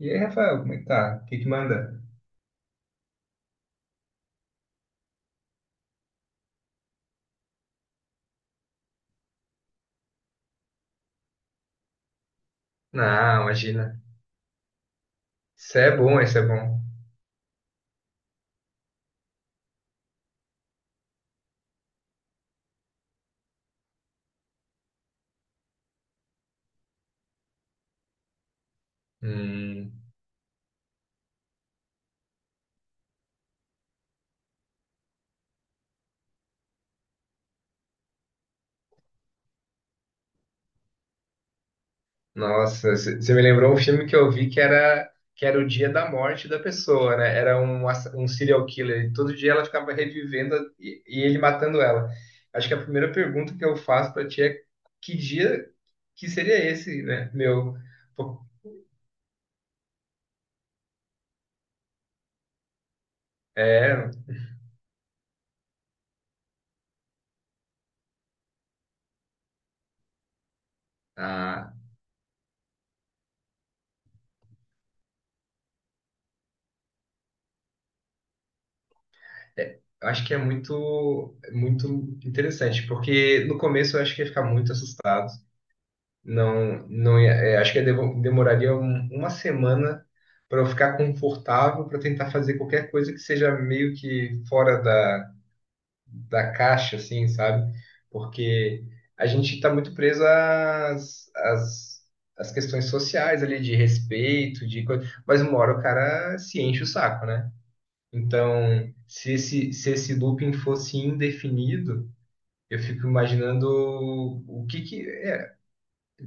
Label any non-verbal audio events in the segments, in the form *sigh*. E aí, Rafael, como é que tá? O que que manda? Não, imagina. Isso é bom, isso é bom. Hum, nossa, você me lembrou um filme que eu vi que era o dia da morte da pessoa, né? Era um serial killer. E todo dia ela ficava revivendo e ele matando ela. Acho que a primeira pergunta que eu faço pra ti é que dia que seria esse, né? Meu. Pô, É, ah, eu acho que é muito, muito interessante, porque no começo eu acho que ia ficar muito assustado. Não, não ia, acho que ia demoraria uma semana para eu ficar confortável para tentar fazer qualquer coisa que seja meio que fora da caixa, assim, sabe? Porque a gente está muito preso às questões sociais ali, de respeito, de coisa, mas uma hora o cara se enche o saco, né? Então, se esse looping fosse indefinido, eu fico imaginando o que que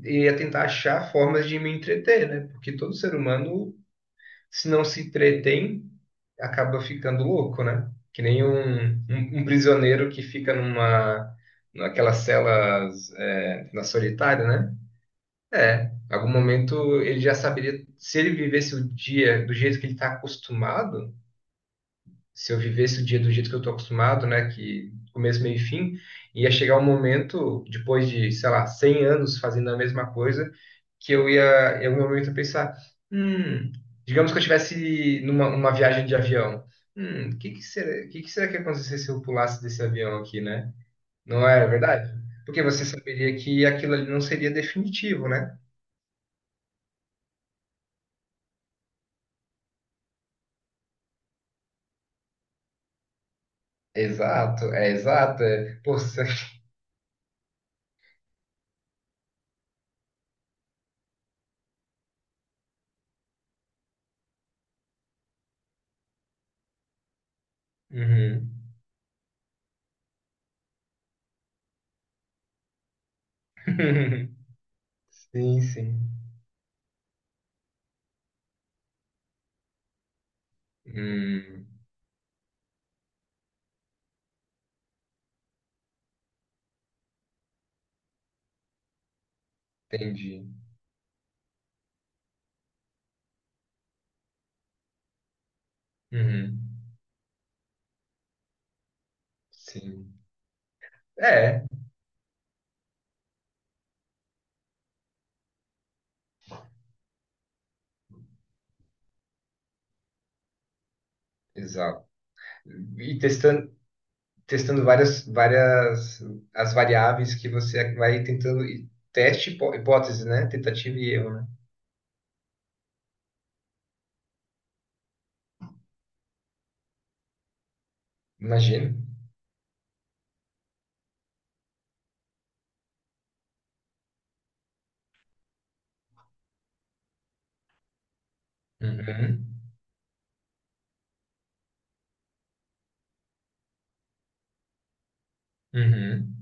ia tentar achar formas de me entreter, né? Porque todo ser humano, se não se entretém, acaba ficando louco, né? Que nem um prisioneiro que fica numa naquelas celas, na solitária, né? É, em algum momento ele já saberia, se ele vivesse o dia do jeito que ele está acostumado, se eu vivesse o dia do jeito que eu estou acostumado, né, que começo, meio e fim, ia chegar um momento, depois de, sei lá, 100 anos fazendo a mesma coisa, que eu ia, em algum momento, eu pensar, hum, digamos que eu estivesse numa uma viagem de avião, o que que será, que ia acontecer se eu pulasse desse avião aqui, né? Não é verdade? Porque você saberia que aquilo ali não seria definitivo, né? Exato. É. Poxa. Uhum. *laughs* Sim, sim. Hum. Entendi. Uhum. Sim. É, exato. E testando várias as variáveis que você vai tentando. Teste hipótese, né? Tentativa e erro, né? Imagino. Uhum. Uhum.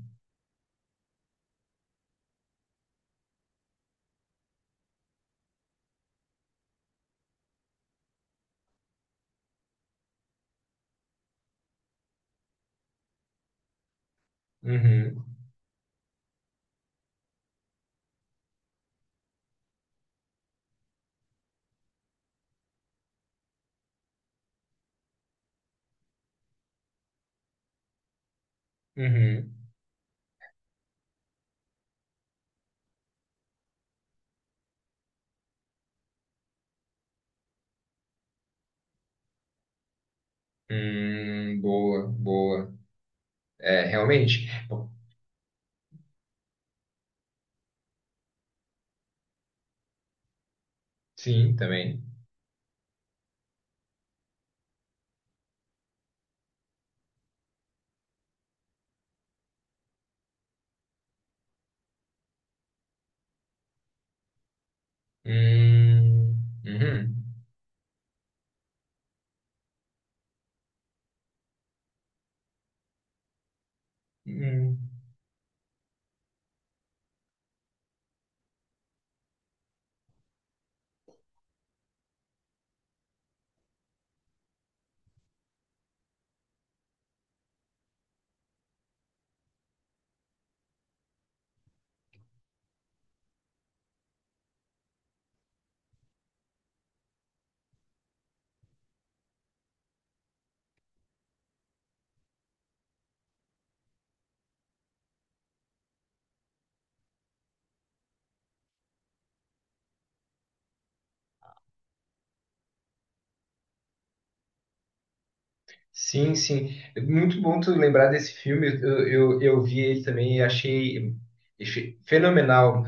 Uhum. Uhum. Boa, boa. É, realmente. Bom, sim, também. Hum, uhum. Hum. Sim, sim. É muito bom tu lembrar desse filme. Eu vi ele também e achei fenomenal.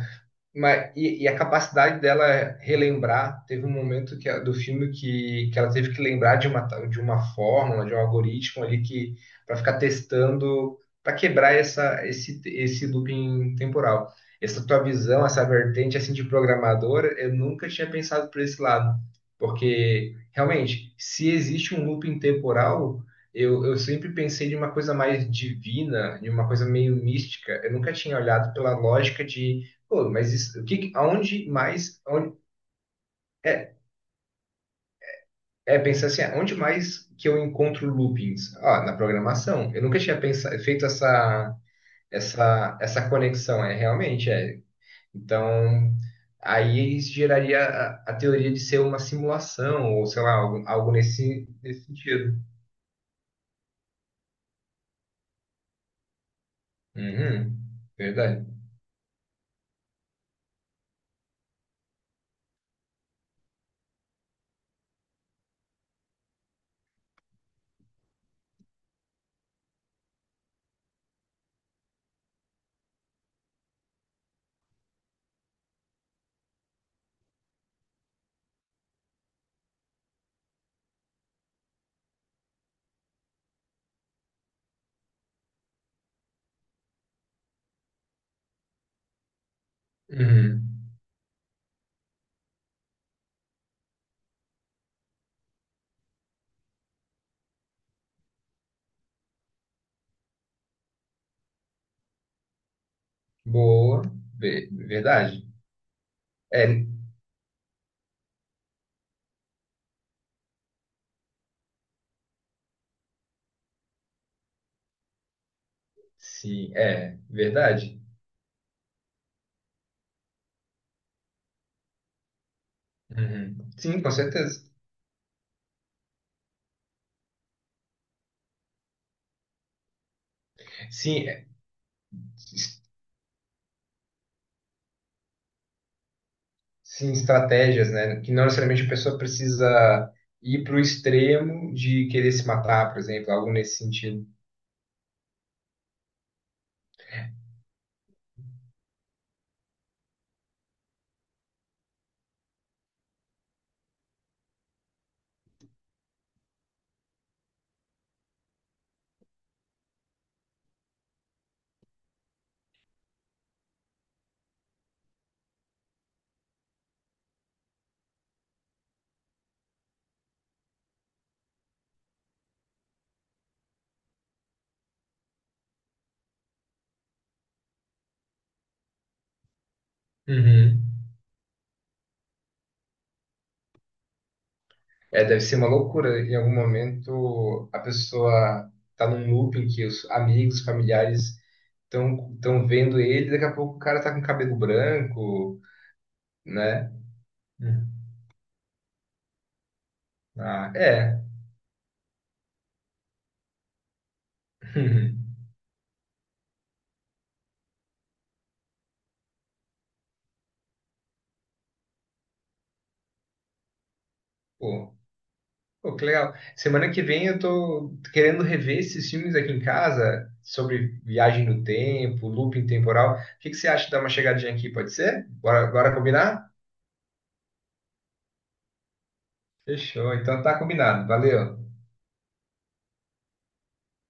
Mas, e a capacidade dela relembrar, teve um momento do filme que ela teve que lembrar de uma fórmula, de um algoritmo ali que para ficar testando, para quebrar esse looping temporal. Essa tua visão, essa vertente assim de programadora eu nunca tinha pensado por esse lado. Porque realmente, se existe um looping temporal, eu sempre pensei de uma coisa mais divina, de uma coisa meio mística. Eu nunca tinha olhado pela lógica de. Pô, mas isso, o que, aonde mais, é, é pensar assim, aonde mais que eu encontro loopings? Ah, na programação. Eu nunca tinha pensado, feito essa, conexão, é realmente, é. Então, aí isso geraria a teoria de ser uma simulação, ou sei lá, algo nesse sentido. Uhum, verdade. Uhum, boa, verdade. É, sim, é, verdade. Uhum. Sim, com certeza. Sim, é, sim, estratégias, né? Que não necessariamente a pessoa precisa ir para o extremo de querer se matar, por exemplo, algo nesse sentido. Uhum. É, deve ser uma loucura. Em algum momento a pessoa tá num looping que os amigos, familiares estão vendo ele, daqui a pouco o cara tá com cabelo branco, né? Uhum. Ah, é. *laughs* Pô. Pô, que legal. Semana que vem eu tô querendo rever esses filmes aqui em casa sobre viagem no tempo, looping temporal. O que que você acha de dar uma chegadinha aqui? Pode ser? Bora, bora combinar? Fechou. Então tá combinado. Valeu.